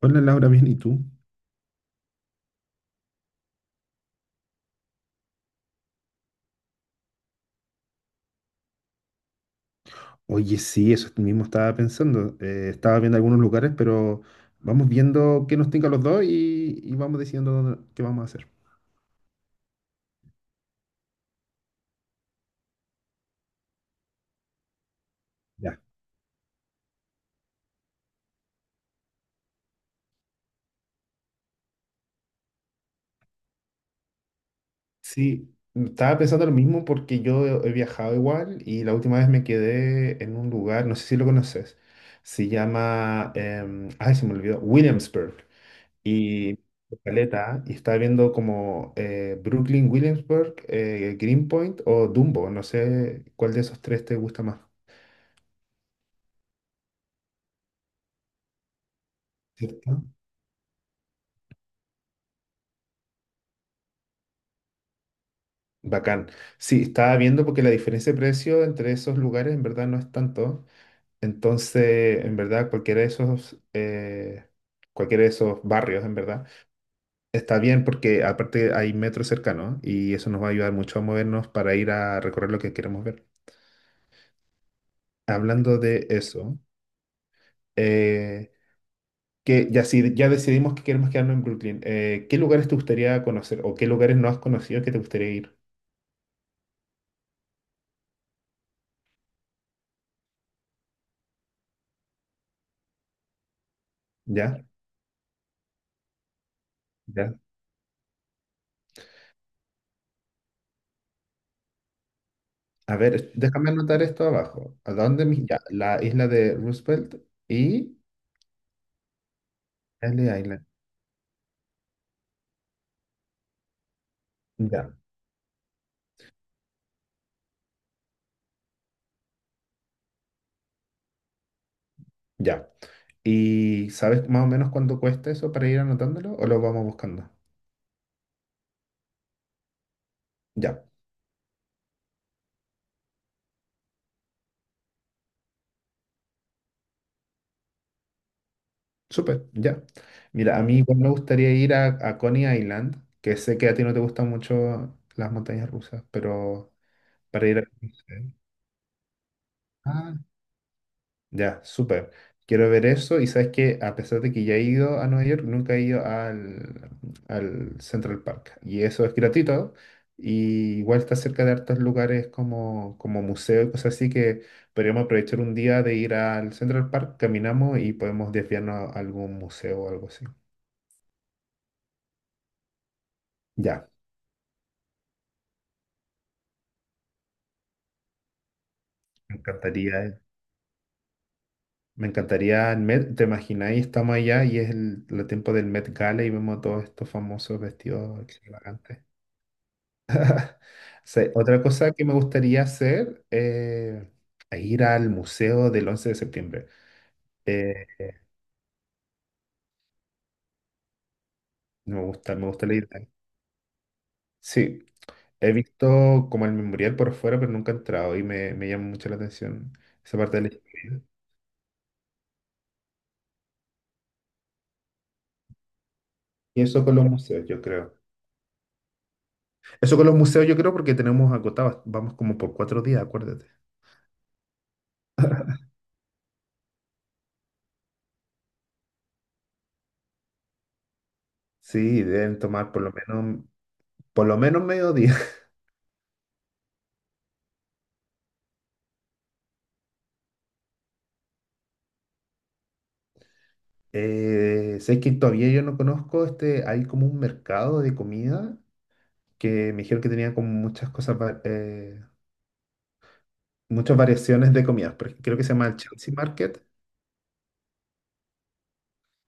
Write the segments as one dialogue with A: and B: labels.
A: Hola Laura, bien, ¿y tú? Oye, sí, eso mismo estaba pensando. Estaba viendo algunos lugares, pero vamos viendo qué nos tinca a los dos y vamos decidiendo qué vamos a hacer. Ya. Sí, estaba pensando lo mismo porque yo he viajado igual y la última vez me quedé en un lugar, no sé si lo conoces, se llama, ay, se me olvidó, Williamsburg. Y caleta, y estaba viendo como Brooklyn, Williamsburg, Greenpoint o Dumbo, no sé cuál de esos tres te gusta más. ¿Cierto? Bacán. Sí, estaba viendo porque la diferencia de precio entre esos lugares en verdad no es tanto. Entonces, en verdad, cualquiera de esos barrios, en verdad, está bien porque aparte hay metro cercano y eso nos va a ayudar mucho a movernos para ir a recorrer lo que queremos ver. Hablando de eso, eh, que ya, si, ya decidimos que queremos quedarnos en Brooklyn, ¿qué lugares te gustaría conocer o qué lugares no has conocido que te gustaría ir? ¿Ya? ¿Ya? A ver, déjame anotar esto abajo. ¿A dónde? Ya, la isla de Roosevelt y Ellis Island. Ya, ya. ¿Y sabes más o menos cuánto cuesta eso para ir anotándolo o lo vamos buscando? Ya, súper, ya. Mira, a mí igual me gustaría ir a Coney Island, que sé que a ti no te gustan mucho las montañas rusas, pero para ir a... Ah, ya, súper. Quiero ver eso. Y sabes que a pesar de que ya he ido a Nueva York, nunca he ido al Central Park. Y eso es gratuito. Y igual está cerca de hartos lugares como, como museo y cosas así que podríamos aprovechar un día de ir al Central Park, caminamos y podemos desviarnos a algún museo o algo así. Ya, me encantaría. Me encantaría el Met, ¿te imagináis? Estamos allá y es el tiempo del Met Gala y vemos a todos estos famosos vestidos extravagantes. Sí, otra cosa que me gustaría hacer es ir al museo del 11 de septiembre. Eh, no me gusta, me gusta la idea. Sí, he visto como el memorial por fuera, pero nunca he entrado y me llama mucho la atención esa parte de la historia. Y eso con los museos, yo creo. Eso con los museos, yo creo, porque tenemos agotados, vamos como por cuatro días, acuérdate. Sí, deben tomar por lo menos mediodía. Sé que todavía yo no conozco este, hay como un mercado de comida que me dijeron que tenía como muchas cosas, muchas variaciones de comidas. Por ejemplo, creo que se llama el Chelsea Market.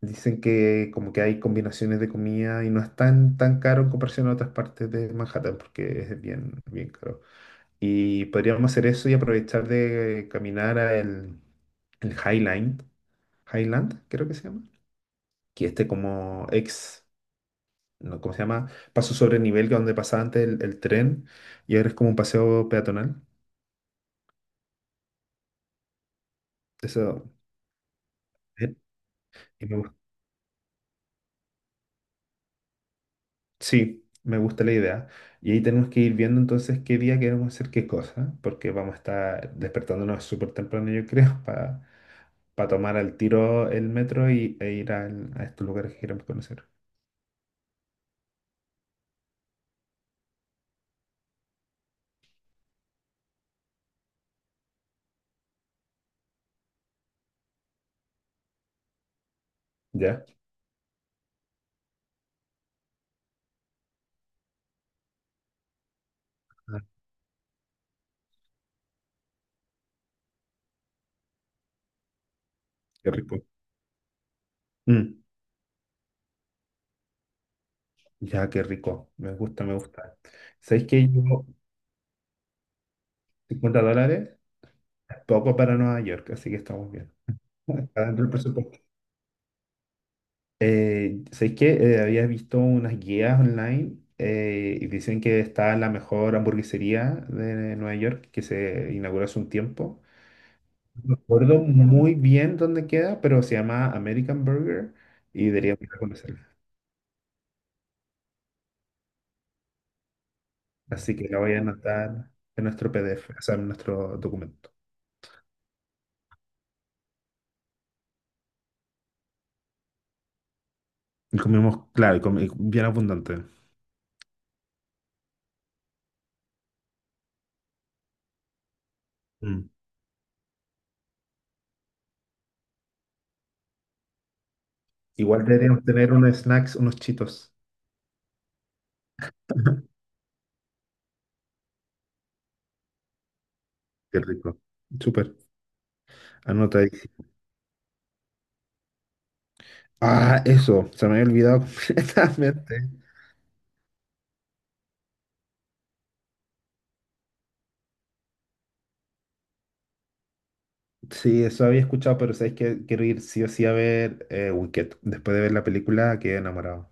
A: Dicen que como que hay combinaciones de comida y no es tan, tan caro en comparación a otras partes de Manhattan porque es bien, bien caro. Y podríamos hacer eso y aprovechar de caminar a el Highland, Highland creo que se llama, que este como ex, no, ¿cómo se llama? Paso sobre nivel que donde pasaba antes el tren y ahora es como un paseo peatonal. Eso, ¿eh? Y me Sí, me gusta la idea. Y ahí tenemos que ir viendo entonces qué día queremos hacer qué cosa, porque vamos a estar despertándonos súper temprano, yo creo, para tomar al tiro el metro e ir a estos lugares que queremos conocer. ¿Ya? Ah, qué rico. Mm, ya, qué rico. Me gusta, me gusta. ¿Sabéis que yo 50 dólares es poco para Nueva York, así que estamos bien. Está dentro del presupuesto. ¿Sabéis qué? Había visto unas guías online y dicen que está la mejor hamburguesería de Nueva York que se inauguró hace un tiempo. No recuerdo muy bien dónde queda, pero se llama American Burger y deberíamos ir a conocerla. Así que la voy a anotar en nuestro PDF, o sea, en nuestro documento. Y comimos, claro, y bien abundante. Mm. Igual deberíamos tener unos snacks, unos chitos. Qué rico. Súper. Anota ahí. Ah, eso, se me había olvidado completamente. Sí, eso había escuchado, pero sabes que quiero ir sí o sí a ver Wicked. Después de ver la película, quedé enamorado.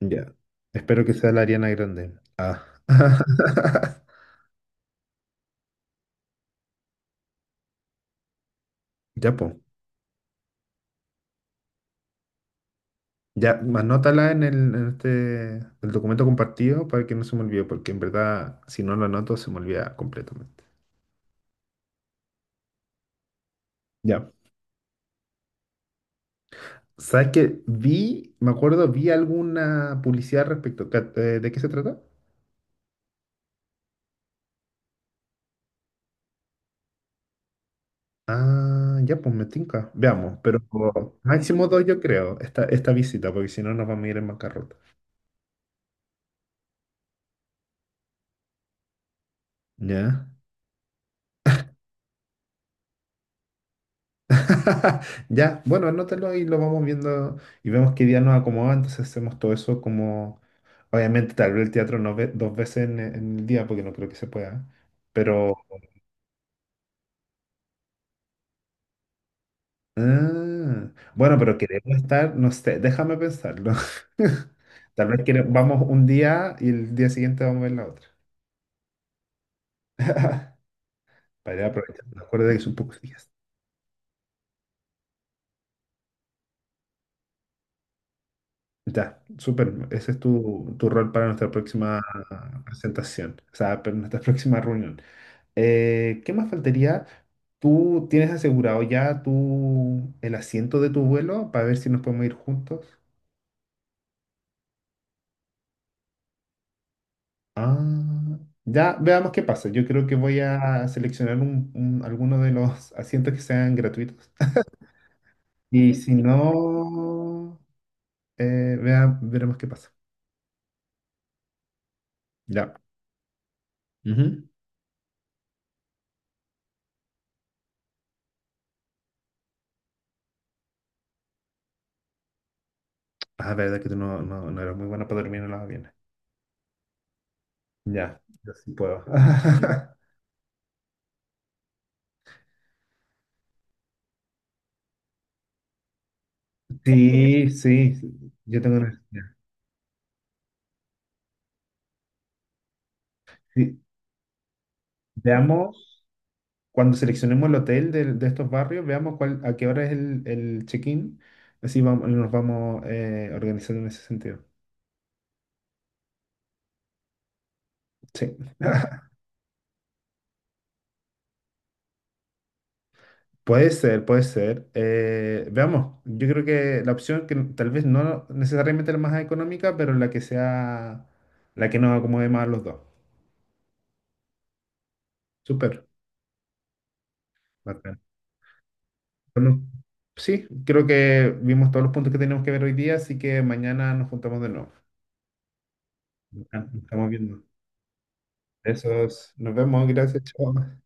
A: Ya. Espero que sea la Ariana Grande. Ah. Ya, pues. Ya, anótala en este, el documento compartido para que no se me olvide, porque en verdad, si no lo anoto, se me olvida completamente. Ya. ¿Sabes qué? Vi, me acuerdo, vi alguna publicidad al respecto. ¿De qué se trata? Ah, ya, pues me tinca. Veamos, pero máximo dos yo creo, esta visita, porque si no nos vamos a ir en bancarrota. Ya. Ya, bueno, anótalo y lo vamos viendo y vemos qué día nos acomoda, entonces hacemos todo eso como, obviamente tal vez el teatro no ve dos veces en el día, porque no creo que se pueda, pero... ah, bueno, pero queremos estar, no sé, déjame pensarlo. Tal vez vamos un día y el día siguiente vamos a ver la otra. Para aprovechar, acuérdate que es un poco día. Ya, súper. Ese es tu rol para nuestra próxima presentación, o sea, para nuestra próxima reunión. ¿Qué más faltaría? ¿Tú tienes asegurado ya tu, el asiento de tu vuelo para ver si nos podemos ir juntos? Ah, ya, veamos qué pasa. Yo creo que voy a seleccionar alguno de los asientos que sean gratuitos. Y si no, veremos qué pasa. Ya. Ujú. Ah, verdad que tú no, no, no eras muy buena para dormir en los aviones. Ya, yo sí puedo. Sí, sí, sí, yo tengo una... ya. Sí, veamos, cuando seleccionemos el hotel de estos barrios, veamos cuál, a qué hora es el check-in. Así vamos, nos vamos organizando en ese sentido. Sí. Puede ser, puede ser. Veamos, yo creo que la opción que tal vez no necesariamente la más económica, pero la que sea, la que nos acomode más a los dos. Súper. Bueno, sí, creo que vimos todos los puntos que teníamos que ver hoy día, así que mañana nos juntamos de nuevo. Ah, nos estamos viendo. Besos. Nos vemos. Gracias. Chao.